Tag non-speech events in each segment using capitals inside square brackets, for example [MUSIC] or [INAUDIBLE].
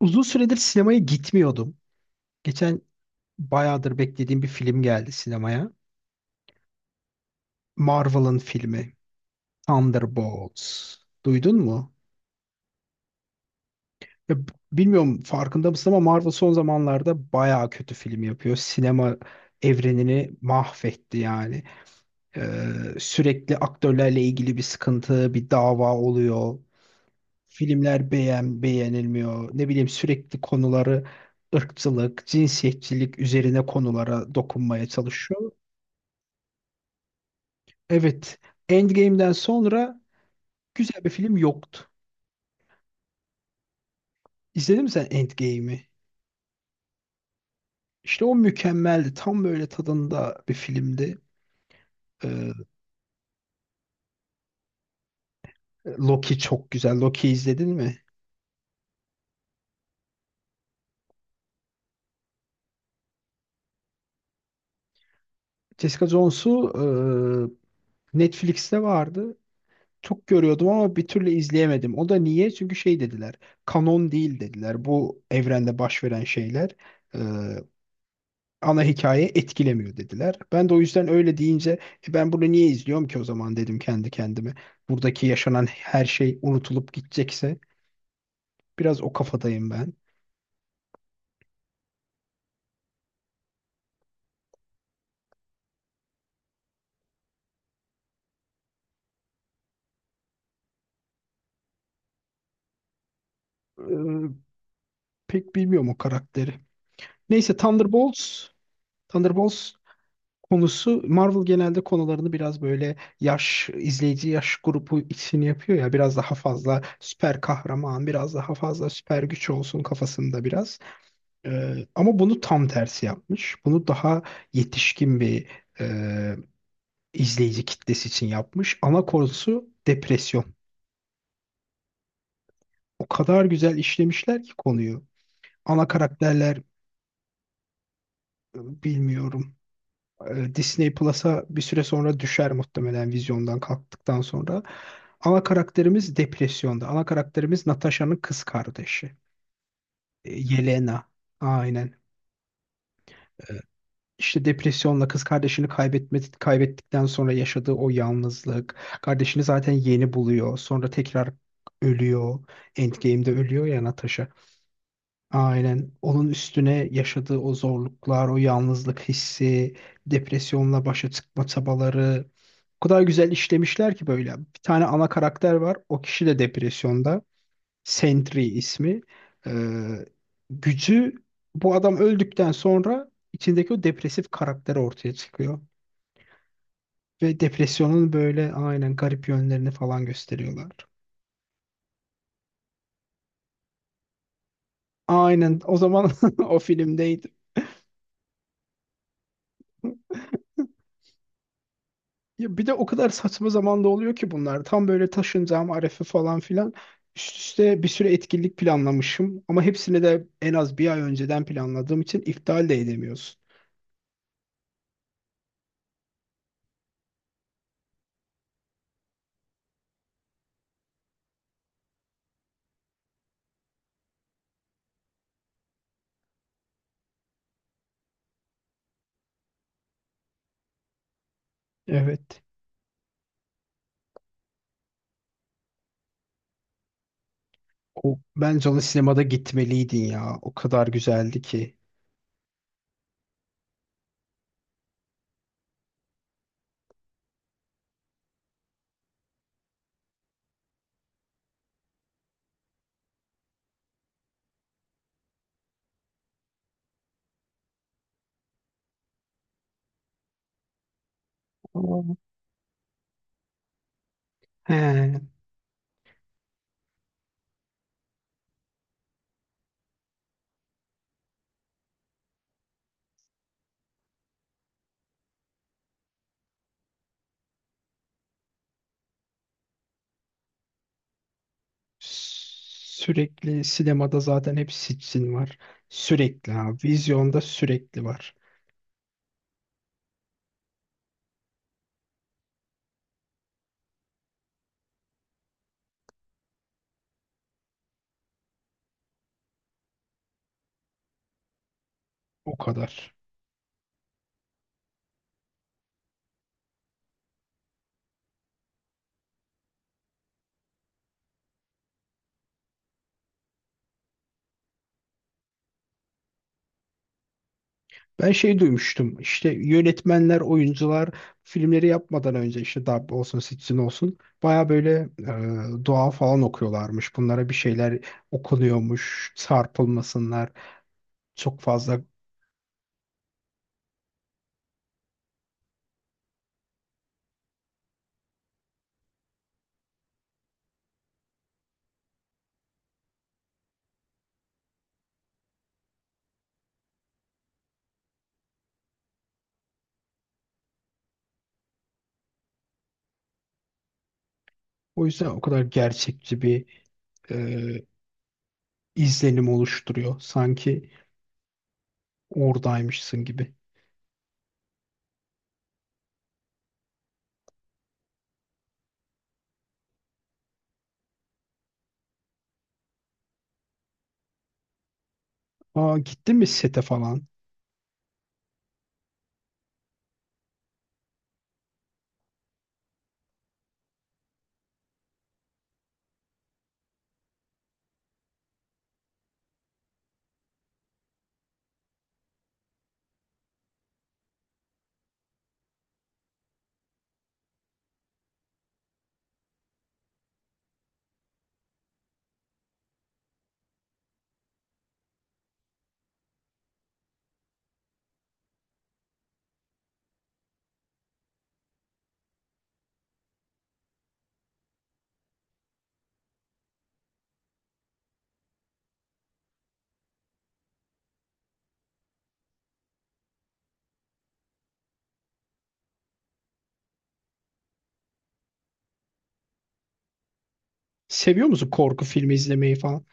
Uzun süredir sinemaya gitmiyordum. Geçen bayağıdır beklediğim bir film geldi sinemaya. Marvel'ın filmi Thunderbolts. Duydun mu? Ya, bilmiyorum farkında mısın ama Marvel son zamanlarda bayağı kötü film yapıyor. Sinema evrenini mahvetti yani. Ee, Sürekli aktörlerle ilgili bir sıkıntı, bir dava oluyor. Filmler beğenilmiyor. Ne bileyim sürekli konuları ırkçılık, cinsiyetçilik üzerine konulara dokunmaya çalışıyor. Evet, Endgame'den sonra güzel bir film yoktu. İzledin mi sen Endgame'i? İşte o mükemmeldi. Tam böyle tadında bir filmdi. Ee, Loki çok güzel. Loki izledin mi? Jessica Jones'u Netflix'te vardı. Çok görüyordum ama bir türlü izleyemedim. O da niye? Çünkü şey dediler. Kanon değil dediler. Bu evrende baş veren şeyler e, ana hikaye etkilemiyor dediler. Ben de o yüzden öyle deyince "E, ben bunu niye izliyorum ki o zaman dedim kendi kendime. Buradaki yaşanan her şey unutulup gidecekse biraz o kafadayım ben. Ee, Pek bilmiyorum o karakteri. Neyse Thunderbolts, Thunderbolts konusu Marvel genelde konularını biraz böyle yaş izleyici yaş grubu için yapıyor ya biraz daha fazla süper kahraman, biraz daha fazla süper güç olsun kafasında biraz. Ama bunu tam tersi yapmış. Bunu daha yetişkin bir e, izleyici kitlesi için yapmış. Ana konusu depresyon. O kadar güzel işlemişler ki konuyu. Ana karakterler bilmiyorum. Disney Plus'a bir süre sonra düşer muhtemelen vizyondan kalktıktan sonra. Ana karakterimiz depresyonda. Ana karakterimiz Natasha'nın kız kardeşi. E, Yelena. Aynen. E, İşte depresyonla kız kardeşini kaybetme, kaybettikten sonra yaşadığı o yalnızlık. Kardeşini zaten yeni buluyor. Sonra tekrar ölüyor. Endgame'de ölüyor ya Natasha. Aynen. Onun üstüne yaşadığı o zorluklar, o yalnızlık hissi, depresyonla başa çıkma çabaları o kadar güzel işlemişler ki böyle. Bir tane ana karakter var. O kişi de depresyonda. Sentry ismi. Ee, Gücü bu adam öldükten sonra içindeki o depresif karakter ortaya çıkıyor. Ve depresyonun böyle aynen garip yönlerini falan gösteriyorlar. Aynen o zaman [LAUGHS] o filmdeydi. Ya bir de o kadar saçma zamanda oluyor ki bunlar. Tam böyle taşınacağım arefe falan filan. Üst üste bir sürü etkinlik planlamışım. Ama hepsini de en az bir ay önceden planladığım için iptal de edemiyorsun. Evet. O, bence ona sinemada gitmeliydin ya. O kadar güzeldi ki. Aa. He. Sürekli sinemada zaten hep sitsin var. Sürekli ha. Vizyonda sürekli var. O kadar. Ben şey duymuştum. İşte yönetmenler, oyuncular filmleri yapmadan önce işte dub olsun, sitsin olsun. Baya böyle dua falan okuyorlarmış. Bunlara bir şeyler okunuyormuş. Çarpılmasınlar. Çok fazla. O yüzden o kadar gerçekçi bir e, izlenim oluşturuyor. Sanki oradaymışsın gibi. Aa, gittin mi sete falan? Seviyor musun korku filmi izlemeyi falan?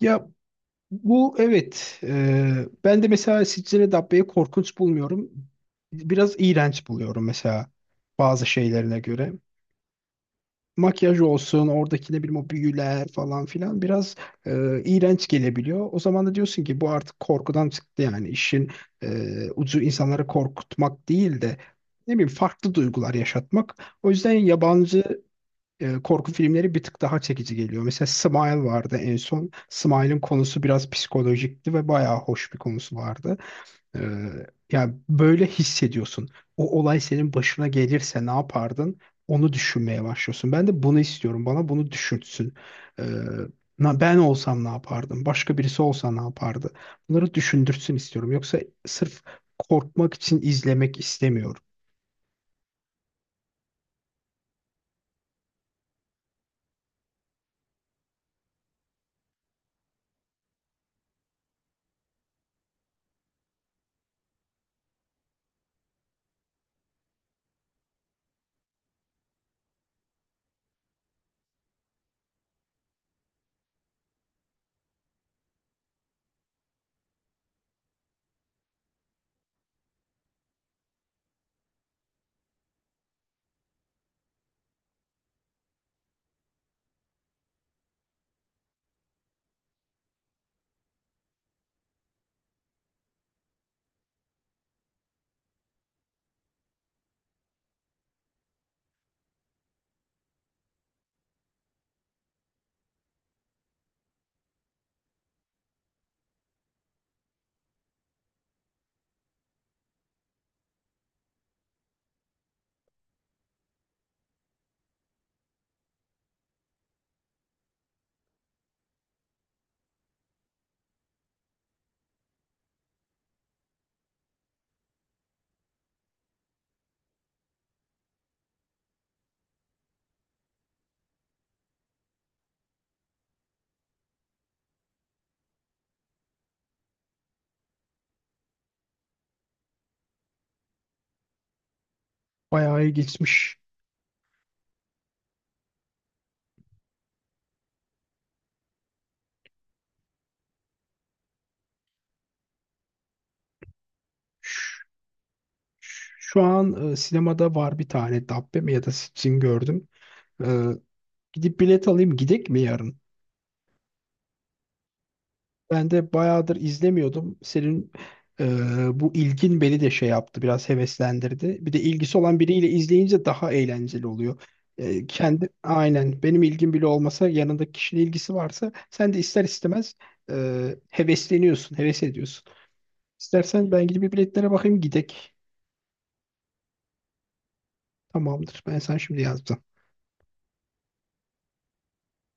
Ya bu evet. Ben de mesela Siccine Dabbe'yi korkunç bulmuyorum. Biraz iğrenç buluyorum mesela bazı şeylerine göre. Makyaj olsun, oradaki ne bileyim o büyüler falan filan biraz iğrenç gelebiliyor. O zaman da diyorsun ki bu artık korkudan çıktı yani işin ucu insanları korkutmak değil de ne bileyim farklı duygular yaşatmak. O yüzden yabancı korku filmleri bir tık daha çekici geliyor. Mesela Smile vardı en son. Smile'ın konusu biraz psikolojikti ve bayağı hoş bir konusu vardı. E, Yani böyle hissediyorsun. O olay senin başına gelirse ne yapardın? Onu düşünmeye başlıyorsun. Ben de bunu istiyorum. Bana bunu düşünsün. E, Ben olsam ne yapardım? Başka birisi olsa ne yapardı? Bunları düşündürsün istiyorum. Yoksa sırf korkmak için izlemek istemiyorum. Bayağı ilginçmiş. Şu an sinemada var bir tane Dabbe mi ya da Sitchin gördüm. E, Gidip bilet alayım gidek mi yarın? Ben de bayağıdır izlemiyordum. Senin e, bu ilgin beni de şey yaptı biraz heveslendirdi. Bir de ilgisi olan biriyle izleyince daha eğlenceli oluyor. E, kendi aynen benim ilgim bile olmasa yanındaki kişinin ilgisi varsa sen de ister istemez hevesleniyorsun, heves ediyorsun. İstersen ben gidip bir biletlere bakayım gidek. Tamamdır. Ben sana şimdi yazdım.